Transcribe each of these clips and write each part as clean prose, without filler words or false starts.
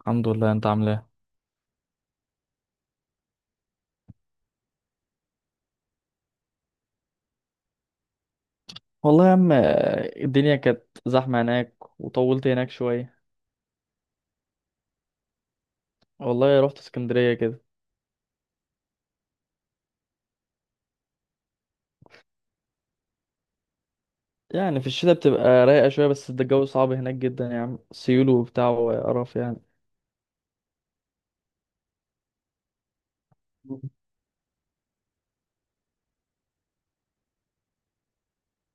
الحمد لله. انت عامل ايه؟ والله يا عم، الدنيا كانت زحمه هناك، وطولت هناك شويه. والله رحت اسكندريه كده. يعني في الشتاء بتبقى رايقه شويه، بس ده الجو صعب هناك جدا يا عم، سيول وبتاع وقرف يعني. مم.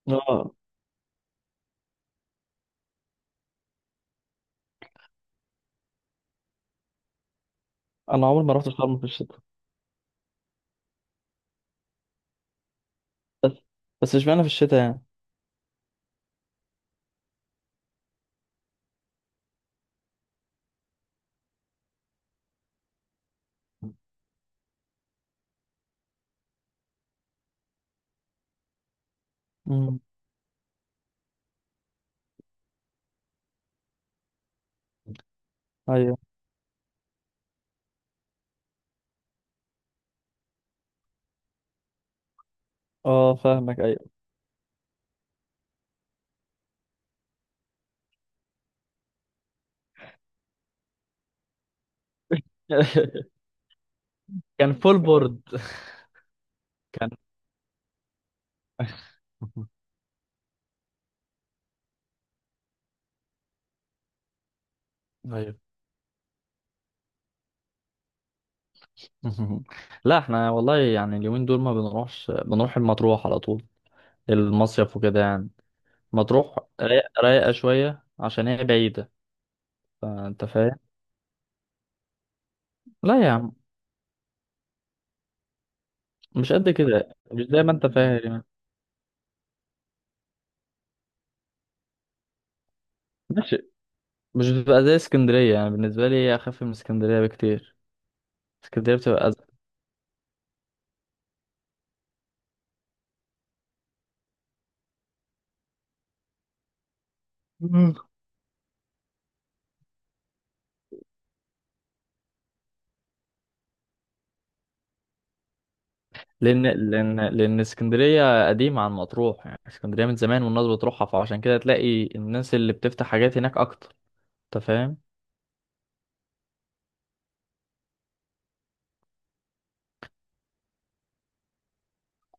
اه، انا عمري ما رحت شرم في الشتاء. بس بس مش معنى في الشتاء يعني. امم ايوه. اه، فاهمك ايوه. كان فول بورد. كان. ايوه. لا احنا والله يعني اليومين دول ما بنروحش، بنروح المطروح على طول، المصيف وكده يعني. مطروح رايقة شوية، عشان هي بعيدة. فأنت فاهم. لا يا عم، مش قد كده، مش زي ما أنت فاهم يعني. ماشي. مش بتبقى زي اسكندرية يعني، بالنسبة لي هي أخف من اسكندرية بكتير. اسكندرية بتبقى أزرق. مم. لأن لأن اسكندرية قديمة عن مطروح، يعني اسكندرية من زمان والناس بتروحها، فعشان كده تلاقي الناس اللي بتفتح حاجات هناك أكتر. أنت فاهم؟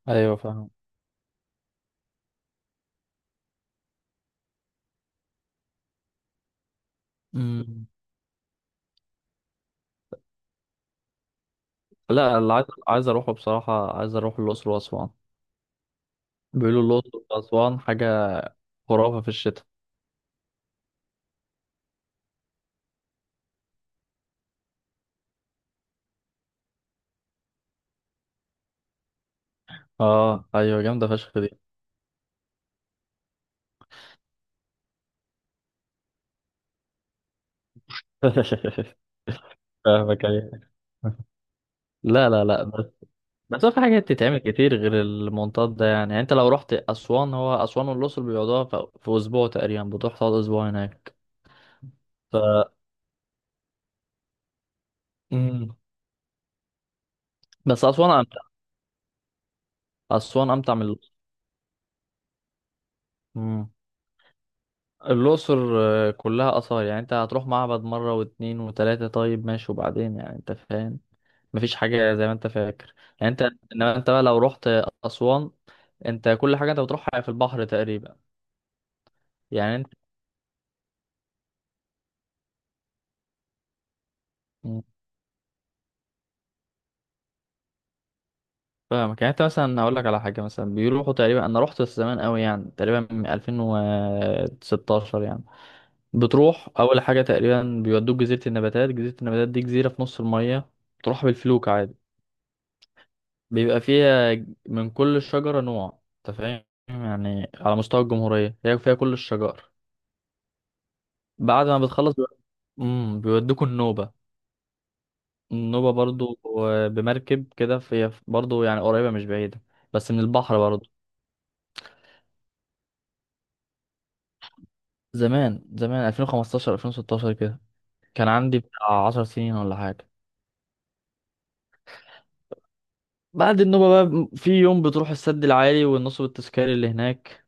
أيوه، فاهم. مم. لا، اللي عايز أروحه بصراحة، عايز أروح الأقصر وأسوان. بيقولوا الأقصر وأسوان حاجة خرافة في الشتاء. اه ايوه، جامده فشخ دي. فاهمك ايوه. لا، لا، لا. بس هو في حاجات تتعمل كتير غير المنطاد ده، يعني انت لو رحت اسوان، هو اسوان والاقصر بيقعدوها في اسبوع تقريبا، بتروح تقعد اسبوع هناك ف... مم. بس اسوان امتع. اسوان امتع من الاقصر. مم. الاقصر كلها اثار، يعني انت هتروح معبد مره واتنين وتلاته، طيب ماشي، وبعدين يعني انت فاهم. مفيش حاجه زي ما انت فاكر، يعني انت. انما انت بقى لو رحت اسوان، انت كل حاجه انت بتروحها في البحر تقريبا، يعني انت. مم. فاهمك، يعني انت مثلا هقول لك على حاجه، مثلا بيروحوا تقريبا، انا رحت بس زمان قوي يعني، تقريبا من 2016 يعني. بتروح اول حاجه تقريبا بيودوك جزيره النباتات. جزيره النباتات دي جزيره في نص الميه، تروح بالفلوك عادي. بيبقى فيها من كل شجره نوع. انت فاهم، يعني على مستوى الجمهوريه هي فيها كل الشجر. بعد ما بتخلص بيودوكوا النوبه. النوبه برضو بمركب كده، في برضو يعني قريبه مش بعيده، بس من البحر برضو. زمان زمان، 2015 2016 كده، كان عندي بتاع 10 سنين ولا حاجة. بعد النوبة بقى في يوم بتروح السد العالي والنصب التذكاري اللي هناك،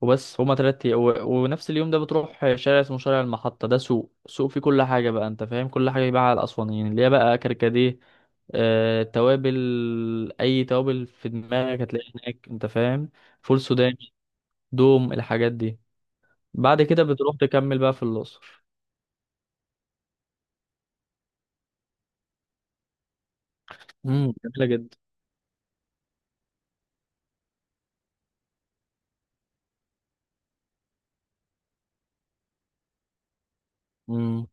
وبس. هما 3 أيام و... ونفس اليوم ده بتروح شارع اسمه شارع المحطة. ده سوق، سوق فيه كل حاجة بقى، أنت فاهم، كل حاجة يباع على الأسوانيين، اللي هي بقى كركديه، توابل. أي توابل في دماغك هتلاقيها هناك، أنت فاهم. فول سوداني، دوم، الحاجات دي. بعد كده بتروح تكمل بقى في الأقصر. جميلة جدا. امم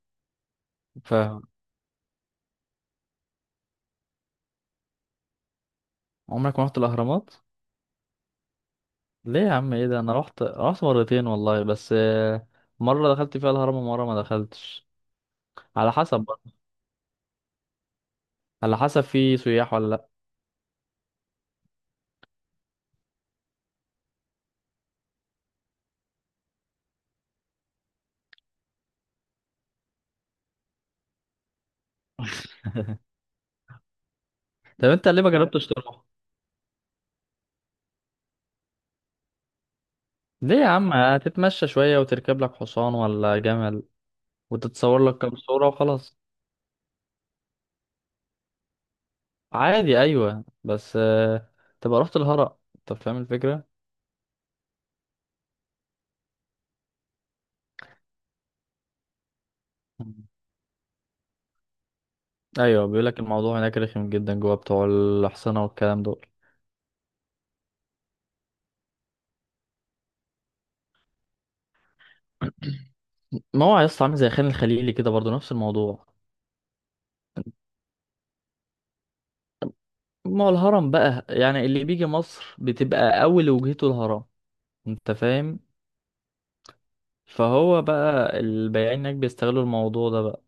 عمرك ما رحت الاهرامات؟ ليه يا عم؟ ايه ده؟ انا رحت مرتين والله، بس مره دخلت فيها الهرم ومره ما دخلتش. على حسب بقى، على حسب في سياح ولا لا. طب انت ليه ما جربتش تروح؟ ليه يا عم؟ هتتمشى شويه، وتركب لك حصان ولا جمل، وتتصور لك كام صوره وخلاص. عادي ايوه، بس تبقى رحت الهرم. انت فاهم الفكره. مم. ايوه، بيقول لك الموضوع هناك رخم جدا، جوه بتوع الاحصنه والكلام دول. ما هو يا اسطى عامل زي خان الخليلي كده برضه، نفس الموضوع. ما هو الهرم بقى، يعني اللي بيجي مصر بتبقى اول وجهته الهرم. انت فاهم. فهو بقى البياعين هناك بيستغلوا الموضوع ده بقى.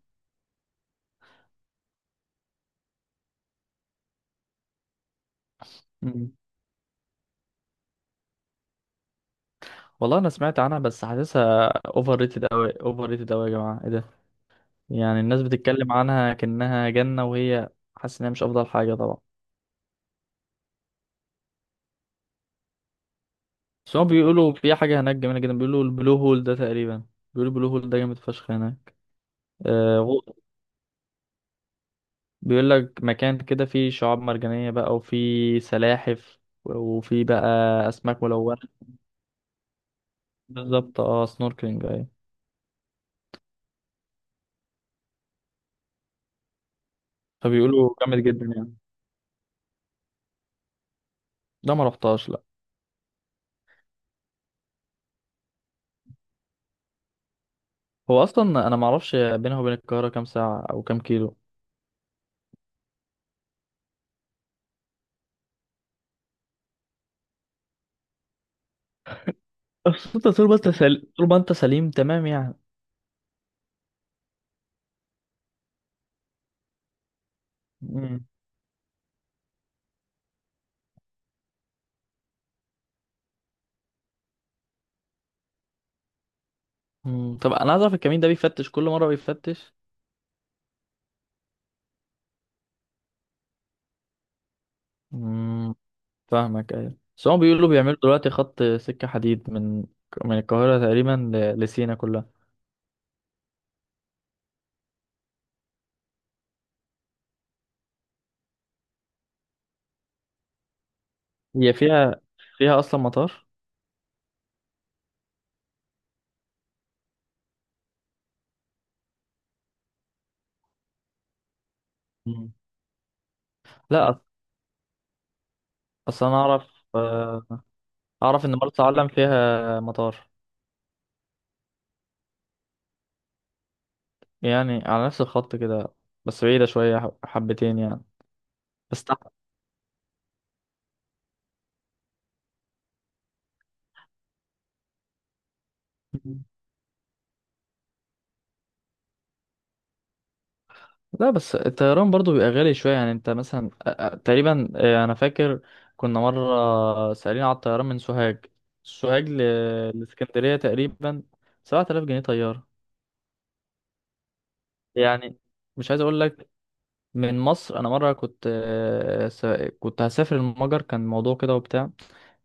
مم. والله انا سمعت عنها، بس حاسسها اوفر ريتد اوي، اوفر ريتد اوي يا جماعه، ايه ده؟ يعني الناس بتتكلم عنها كأنها جنه، وهي حاسس انها مش افضل حاجه طبعا. بس هم بيقولوا في حاجه هناك جميله جدا، بيقولوا البلو هول ده تقريبا، بيقولوا البلو هول ده جامد فشخ هناك. آه، بيقول لك مكان كده فيه شعاب مرجانية بقى، وفيه سلاحف، وفيه بقى أسماك ملونة. بالظبط، اه، سنوركلينج، أيوة. فبيقولوا جامد جدا يعني. ده ما رحتهاش لا. هو أصلا أنا ما أعرفش بينها وبين القاهرة كام ساعة أو كام كيلو. بس أنت طول ما أنت سليم، طول ما أنت سليم تمام يعني. مم. مم. طب أنا عايز أعرف الكمين ده بيفتش كل مرة بيفتش؟ مم. فاهمك أيوة. بس هم بيقولوا بيعملوا دلوقتي خط سكة حديد من القاهرة تقريبا، لسينا كلها. هي فيها أصلا مطار. مم. لا أص- اصل انا اعرف ان مرسى علم فيها مطار، يعني على نفس الخط كده، بس بعيدة شوية حبتين يعني. بس تحت. مم. لا، بس الطيران برضو بيبقى غالي شوية يعني. انت مثلا، تقريبا انا فاكر كنا مرة سألين على الطيران من سوهاج، لاسكندرية تقريبا، 7000 جنيه طيارة يعني. مش عايز اقول لك، من مصر انا مرة كنت هسافر المجر، كان موضوع كده وبتاع،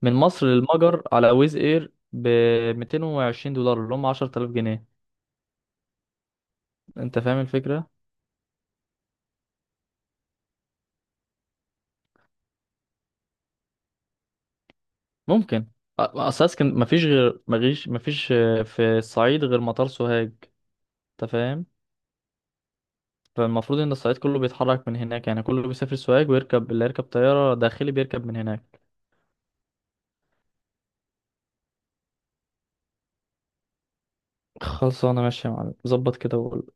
من مصر للمجر على ويز اير ب 220 دولار اللي هم 10000 جنيه. انت فاهم الفكرة. ممكن أ- اصل اسكن مفيش غير مفيش مفيش آه، في الصعيد غير مطار سوهاج. انت فاهم. فالمفروض ان الصعيد كله بيتحرك من هناك، يعني كله بيسافر سوهاج، ويركب اللي يركب طيارة داخلي بيركب من هناك. خلاص انا ماشي يا معلم، ظبط كده وقول.